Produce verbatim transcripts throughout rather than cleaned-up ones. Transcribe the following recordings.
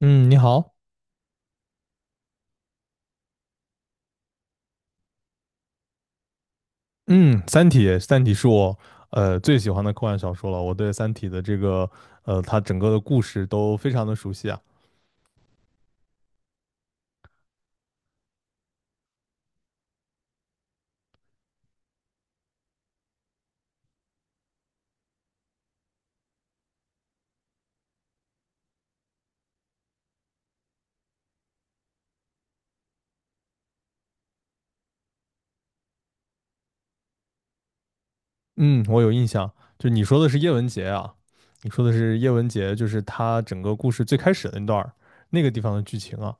嗯，你好。嗯，《三体》《三体》是我呃最喜欢的科幻小说了。我对《三体》的这个呃它整个的故事都非常的熟悉啊。嗯，我有印象。就你说的是叶文洁啊，你说的是叶文洁，就是他整个故事最开始的那段儿那个地方的剧情啊。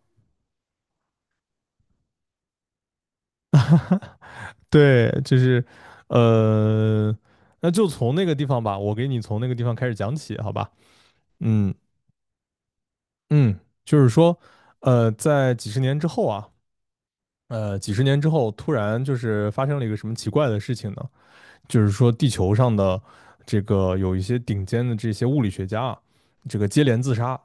对，就是呃，那就从那个地方吧，我给你从那个地方开始讲起，好吧？嗯嗯，就是说。呃，在几十年之后啊，呃，几十年之后，突然就是发生了一个什么奇怪的事情呢？就是说，地球上的这个有一些顶尖的这些物理学家啊，这个接连自杀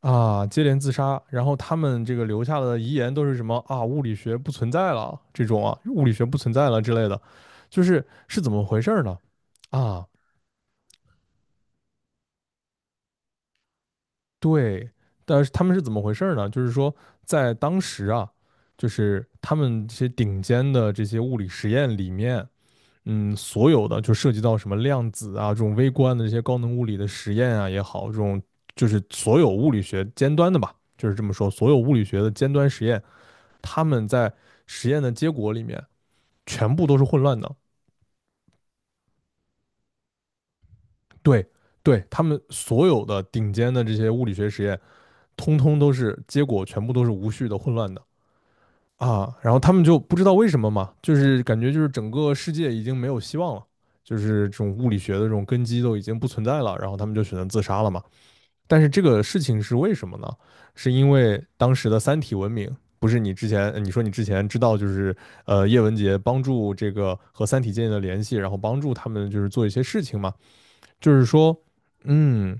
啊，接连自杀，然后他们这个留下的遗言都是什么啊？物理学不存在了，这种啊，物理学不存在了之类的，就是是怎么回事儿呢？啊，对，但是他们是怎么回事儿呢？就是说，在当时啊，就是他们这些顶尖的这些物理实验里面。嗯，所有的就涉及到什么量子啊，这种微观的这些高能物理的实验啊也好，这种就是所有物理学尖端的吧，就是这么说，所有物理学的尖端实验，他们在实验的结果里面全部都是混乱的。对，对，他们所有的顶尖的这些物理学实验，通通都是结果全部都是无序的、混乱的。啊，然后他们就不知道为什么嘛，就是感觉就是整个世界已经没有希望了，就是这种物理学的这种根基都已经不存在了，然后他们就选择自杀了嘛。但是这个事情是为什么呢？是因为当时的三体文明，不是你之前呃你说你之前知道就是呃叶文洁帮助这个和三体建立了联系，然后帮助他们就是做一些事情嘛，就是说，嗯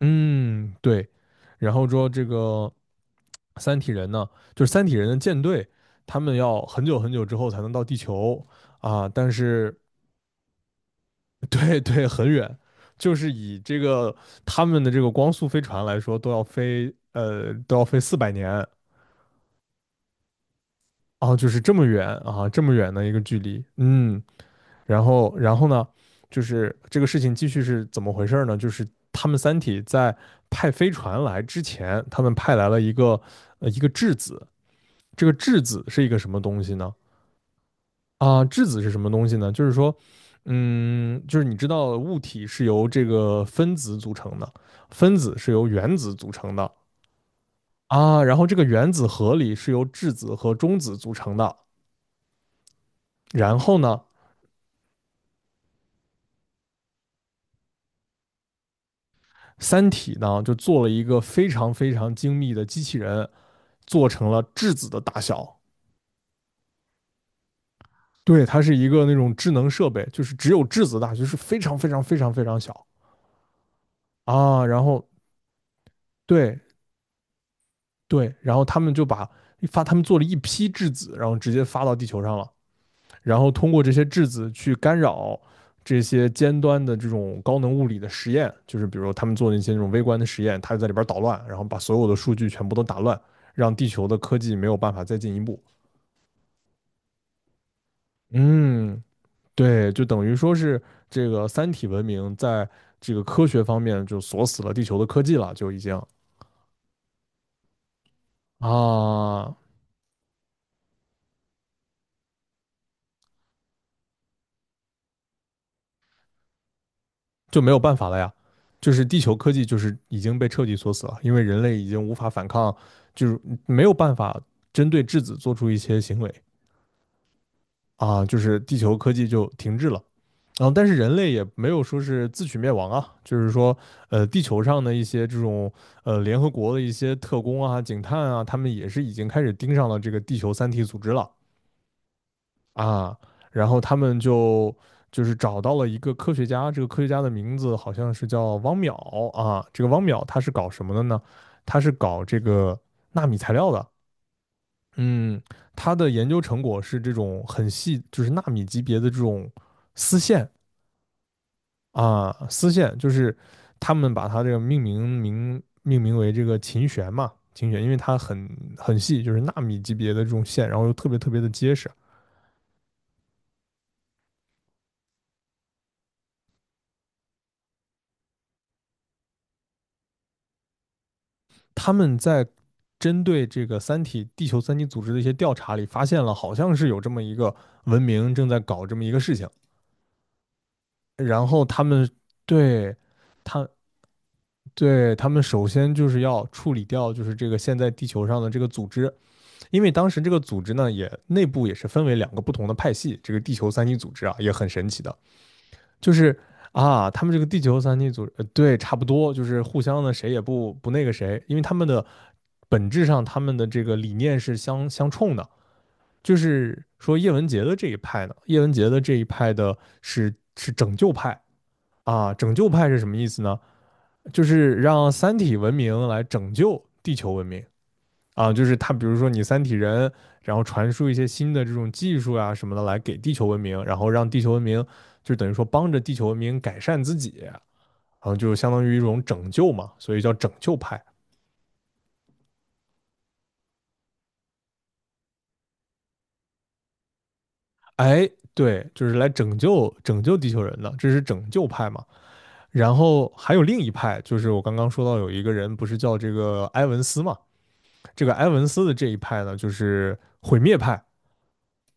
嗯对，然后说这个三体人呢，就是三体人的舰队，他们要很久很久之后才能到地球啊，但是对对，很远，就是以这个他们的这个光速飞船来说，都要飞呃都要飞四百年啊，就是这么远啊，这么远的一个距离，嗯，然后然后呢，就是这个事情继续是怎么回事呢？就是他们三体在派飞船来之前，他们派来了一个呃一个质子，这个质子是一个什么东西呢？啊，质子是什么东西呢？就是说，嗯，就是你知道物体是由这个分子组成的，分子是由原子组成的啊，然后这个原子核里是由质子和中子组成的，然后呢，三体呢就做了一个非常非常精密的机器人，做成了质子的大小，对，它是一个那种智能设备，就是只有质子大，就是非常非常非常非常小啊，然后对，对，然后他们就把发，他们做了一批质子，然后直接发到地球上了，然后通过这些质子去干扰这些尖端的这种高能物理的实验，就是比如说他们做那些那种微观的实验，他就在里边捣乱，然后把所有的数据全部都打乱，让地球的科技没有办法再进一步。嗯，对，就等于说是这个三体文明在这个科学方面就锁死了地球的科技了，就已经啊，就没有办法了呀。就是地球科技就是已经被彻底锁死了，因为人类已经无法反抗，就是没有办法针对质子做出一些行为啊，就是地球科技就停滞了。然后，但是人类也没有说是自取灭亡啊，就是说，呃，地球上的一些这种呃联合国的一些特工啊、警探啊，他们也是已经开始盯上了这个地球三体组织了。啊，然后他们就就是找到了一个科学家，这个科学家的名字好像是叫汪淼啊。这个汪淼他是搞什么的呢？他是搞这个纳米材料的。嗯，他的研究成果是这种很细，就是纳米级别的这种丝线啊，丝线就是他们把它这个命名名命名为这个琴弦嘛，琴弦，因为它很很细，就是纳米级别的这种线，然后又特别特别的结实。他们在针对这个三体地球三体组织的一些调查里，发现了好像是有这么一个文明正在搞这么一个事情，然后他们对他对他们首先就是要处理掉就是这个现在地球上的这个组织，因为当时这个组织呢也内部也是分为两个不同的派系，这个地球三体组织啊也很神奇的，就是啊，他们这个地球三体组织，呃对，差不多，就是互相的谁也不不那个谁，因为他们的本质上他们的这个理念是相相冲的。就是说叶文洁的这一派呢，叶文洁的这一派的是是拯救派啊，拯救派是什么意思呢？就是让三体文明来拯救地球文明。啊，就是他，比如说你三体人，然后传输一些新的这种技术啊什么的来给地球文明，然后让地球文明就等于说帮着地球文明改善自己，然后就相当于一种拯救嘛，所以叫拯救派。哎，对，就是来拯救拯救地球人的，这是拯救派嘛。然后还有另一派，就是我刚刚说到有一个人不是叫这个埃文斯嘛，这个埃文斯的这一派呢，就是毁灭派。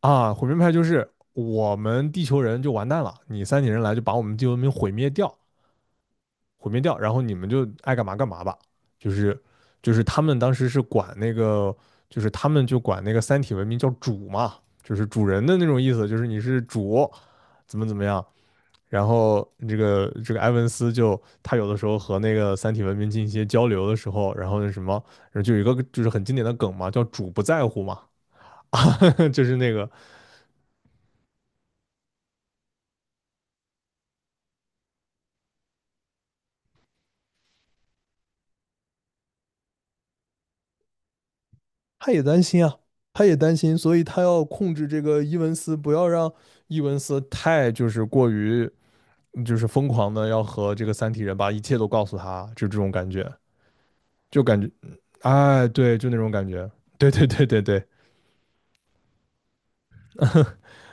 啊，毁灭派就是我们地球人就完蛋了，你三体人来就把我们地球文明毁灭掉，毁灭掉，然后你们就爱干嘛干嘛吧。就是就是他们当时是管那个，就是他们就管那个三体文明叫主嘛，就是主人的那种意思，就是你是主，怎么怎么样。然后这个这个埃文斯就他有的时候和那个三体文明进行一些交流的时候，然后那什么，然后就有一个就是很经典的梗嘛，叫主不在乎嘛，就是那个他也担心啊，他也担心，所以他要控制这个伊文斯，不要让伊文斯太就是过于嗯就是疯狂的要和这个三体人把一切都告诉他，就这种感觉，就感觉，哎，对，就那种感觉，对对对对对。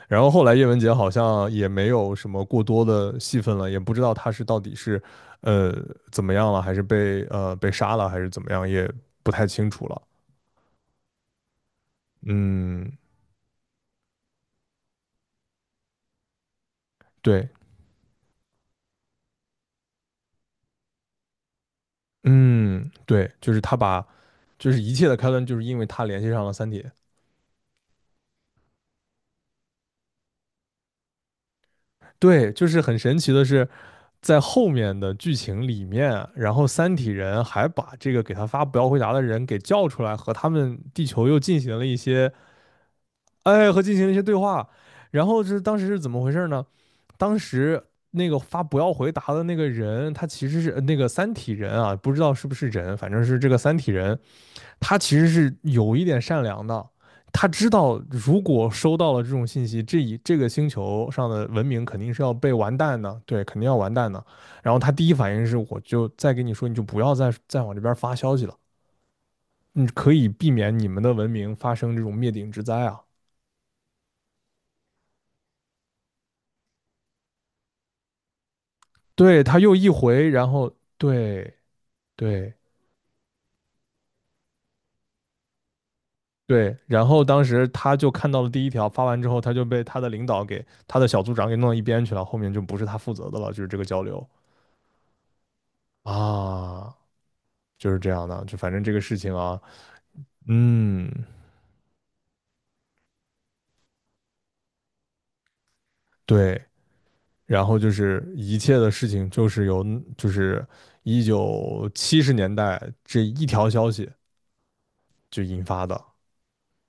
然后后来叶文洁好像也没有什么过多的戏份了，也不知道他是到底是呃怎么样样，了，了，了。还还是是被被呃杀怎么也不太清楚。嗯，对。嗯，对，就是他把，就是一切的开端，就是因为他联系上了三体。对，就是很神奇的是，在后面的剧情里面，然后三体人还把这个给他发不要回答的人给叫出来，和他们地球又进行了一些，哎，和进行了一些对话。然后是当时是怎么回事呢？当时那个发不要回答的那个人，他其实是呃那个三体人啊，不知道是不是人，反正是这个三体人，他其实是有一点善良的，他知道如果收到了这种信息，这一这个星球上的文明肯定是要被完蛋的，对，肯定要完蛋的。然后他第一反应是，我就再跟你说，你就不要再再往这边发消息了，你可以避免你们的文明发生这种灭顶之灾啊。对，他又一回，然后对对对，然后当时他就看到了第一条，发完之后他就被他的领导给他的小组长给弄到一边去了，后面就不是他负责的了，就是这个交流啊。就是这样的，就反正这个事情啊，嗯，对，然后就是一切的事情就是由就是一九七十年代这一条消息就引发的，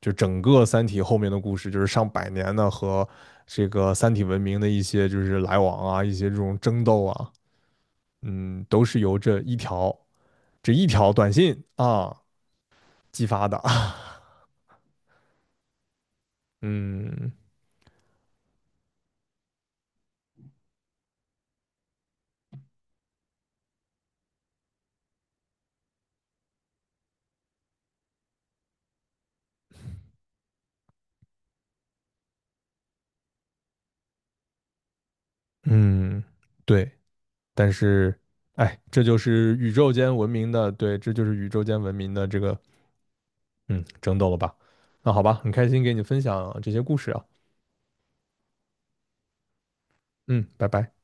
就整个《三体》后面的故事就是上百年的和这个三体文明的一些就是来往啊，一些这种争斗啊，嗯，都是由这一条这一条短信啊激发的，嗯嗯，对，但是，哎，这就是宇宙间文明的，对，这就是宇宙间文明的这个，嗯，争斗了吧？那好吧，很开心给你分享这些故事啊，嗯，拜拜。